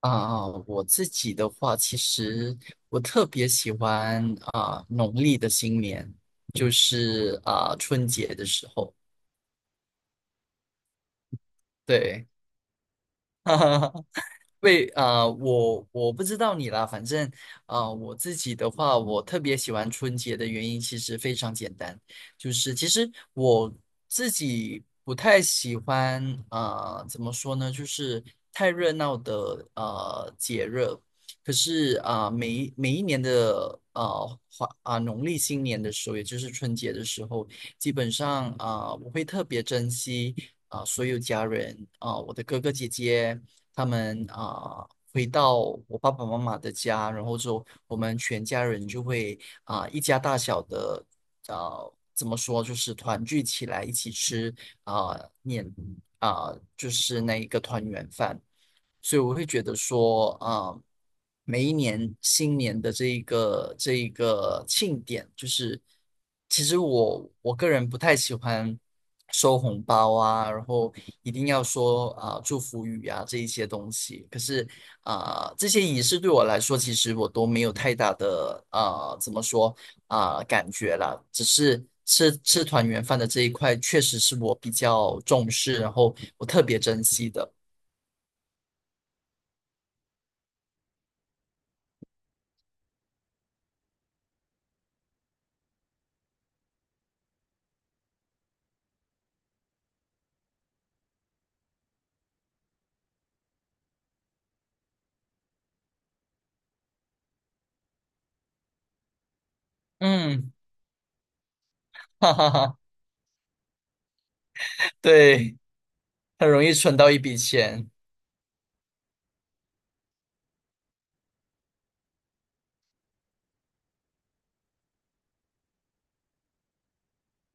我自己的话，其实我特别喜欢农历的新年，就是春节的时候，对，对，我不知道你啦，反正我自己的话，我特别喜欢春节的原因其实非常简单，就是其实我自己不太喜欢怎么说呢，就是太热闹的节日。可是每一年的呃华啊、农历新年的时候，也就是春节的时候，基本上我会特别珍惜所有家人我的哥哥姐姐。他们回到我爸爸妈妈的家，然后之后我们全家人就会一家大小的啊、怎么说就是团聚起来一起吃啊、年啊、就是那一个团圆饭。所以我会觉得说，每一年新年的这一个庆典，就是其实我个人不太喜欢收红包啊，然后一定要说祝福语啊这一些东西。可是这些仪式对我来说，其实我都没有太大的怎么说感觉啦，只是。吃吃团圆饭的这一块，确实是我比较重视，然后我特别珍惜的。嗯，哈哈哈，对，很容易存到一笔钱。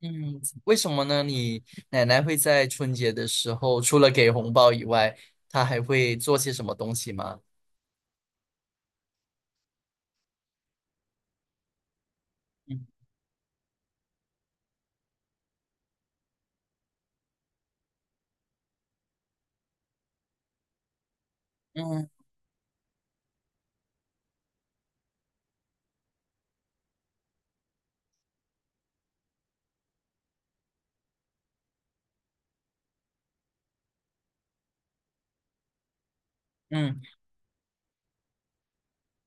嗯，为什么呢？你奶奶会在春节的时候，除了给红包以外，她还会做些什么东西吗？嗯嗯嗯。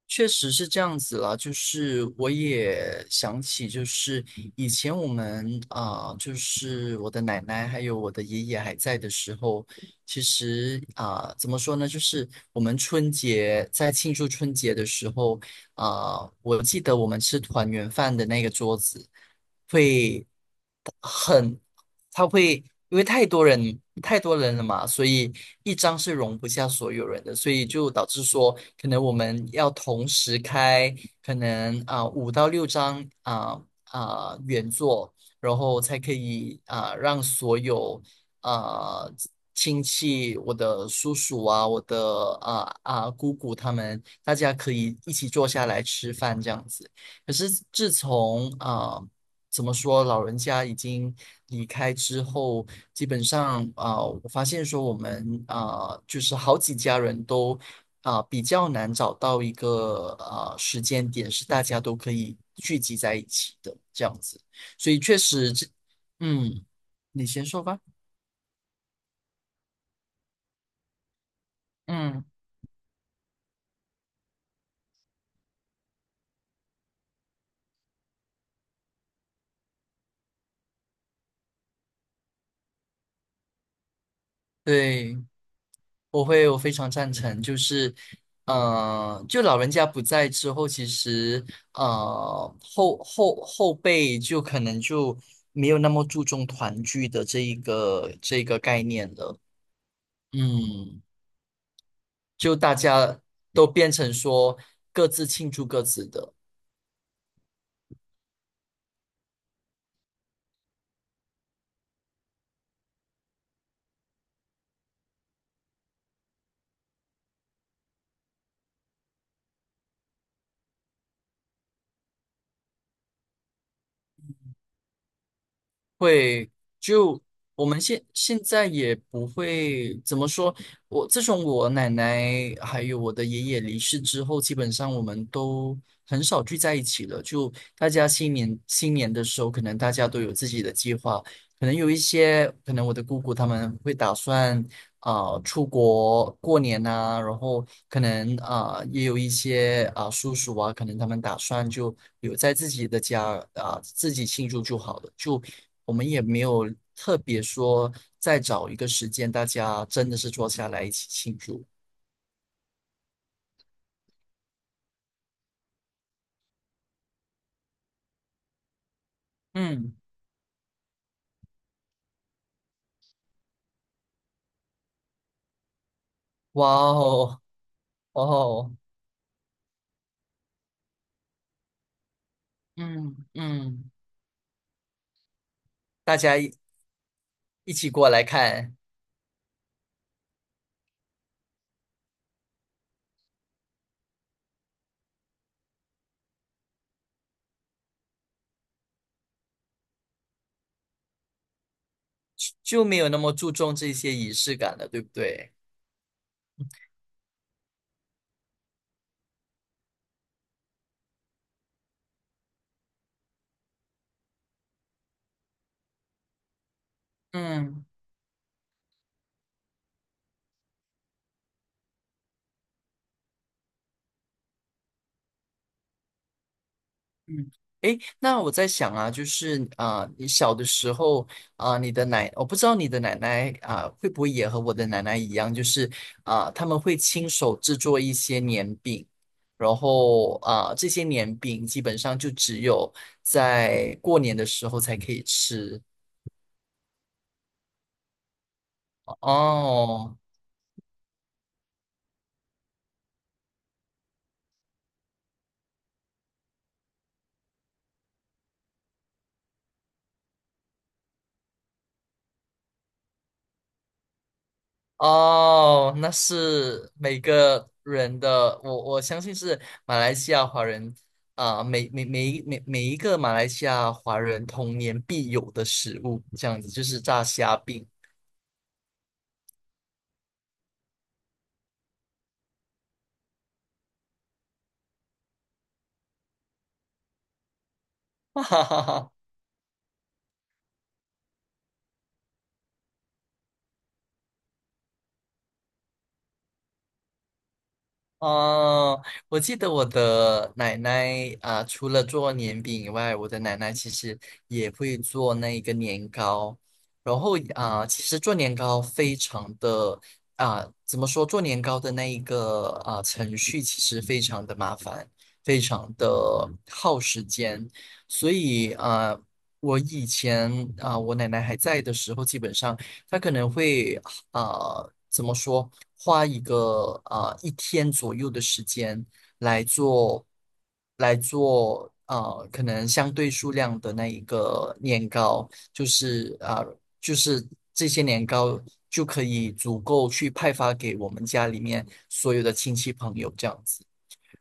确实是这样子了，就是我也想起，就是以前我们就是我的奶奶还有我的爷爷还在的时候，其实怎么说呢，就是我们春节在庆祝春节的时候我记得我们吃团圆饭的那个桌子。会。它会因为太多人了嘛，所以一张是容不下所有人的，所以就导致说，可能我们要同时开，可能5到6张原作，然后才可以让所有啊亲戚，我的叔叔啊，我的姑姑他们，大家可以一起坐下来吃饭这样子。可是自从。怎么说，老人家已经离开之后，基本上我发现说我们就是好几家人都比较难找到一个时间点是大家都可以聚集在一起的这样子，所以确实这，嗯，你先说吧，嗯，对。我会，我非常赞成，就是，就老人家不在之后，其实，后辈就可能就没有那么注重团聚的这一个这个概念了，嗯，就大家都变成说各自庆祝各自的。会就我们现在也不会怎么说，我自从我奶奶还有我的爷爷离世之后，基本上我们都很少聚在一起了。就大家新年的时候，可能大家都有自己的计划，可能有一些，可能我的姑姑他们会打算出国过年呐，然后可能也有一些叔叔啊，可能他们打算就留在自己的家自己庆祝就好了，就我们也没有特别说再找一个时间，大家真的是坐下来一起庆祝。嗯哇哦，哇哦，嗯嗯，大家一起过来看，就没有那么注重这些仪式感了，对不对？嗯。嗯，诶，那我在想啊，就是你小的时候你的奶，我不知道你的奶奶会不会也和我的奶奶一样，就是他们会亲手制作一些年饼，然后这些年饼基本上就只有在过年的时候才可以吃哦。哦，那是每个人的，我相信是马来西亚华人每一个马来西亚华人童年必有的食物，这样子就是炸虾饼，哈哈哈。哦，我记得我的奶奶,除了做年饼以外，我的奶奶其实也会做那个年糕。然后其实做年糕非常的怎么说？做年糕的那一个程序其实非常的麻烦，非常的耗时间。所以我以前我奶奶还在的时候，基本上她可能会怎么说，花一个一天左右的时间来做，可能相对数量的那一个年糕，就是这些年糕就可以足够去派发给我们家里面所有的亲戚朋友这样子。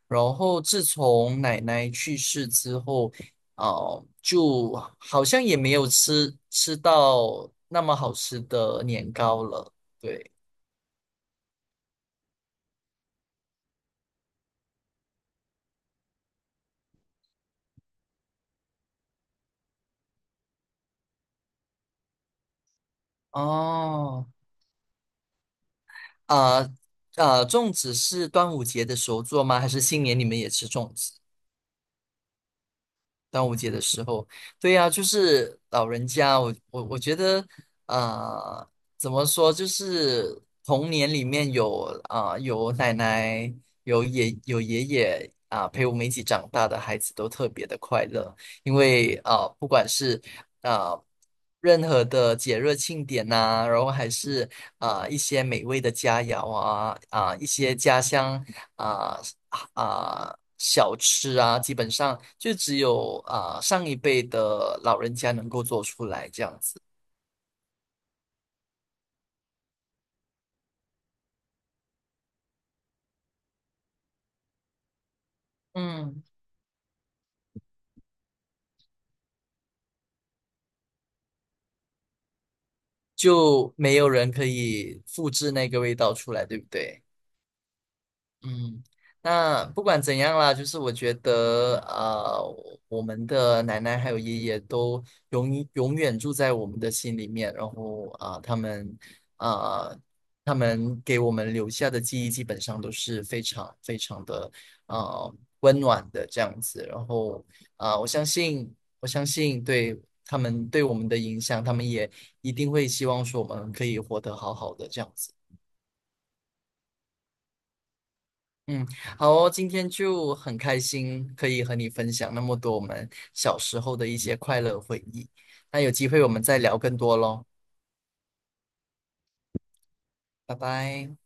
然后自从奶奶去世之后，就好像也没有吃到那么好吃的年糕了。对，哦，啊、呃粽子是端午节的时候做吗？还是新年你们也吃粽子？端午节的时候，对呀，就是老人家，我觉得，啊，怎么说，就是童年里面有有奶奶，有爷爷陪我们一起长大的孩子都特别的快乐，因为不管是啊、呃任何的节日庆典呐，然后还是一些美味的佳肴一些家乡啊小吃啊，基本上就只有上一辈的老人家能够做出来这样子，嗯，就没有人可以复制那个味道出来，对不对？嗯，那不管怎样啦，就是我觉得，我们的奶奶还有爷爷都永远住在我们的心里面，然后啊、呃他们给我们留下的记忆基本上都是非常非常的呃温暖的这样子，然后我相信，对他们对我们的影响，他们也一定会希望说我们可以活得好好的这样子。嗯，好哦，今天就很开心可以和你分享那么多我们小时候的一些快乐回忆。那有机会我们再聊更多喽，拜拜。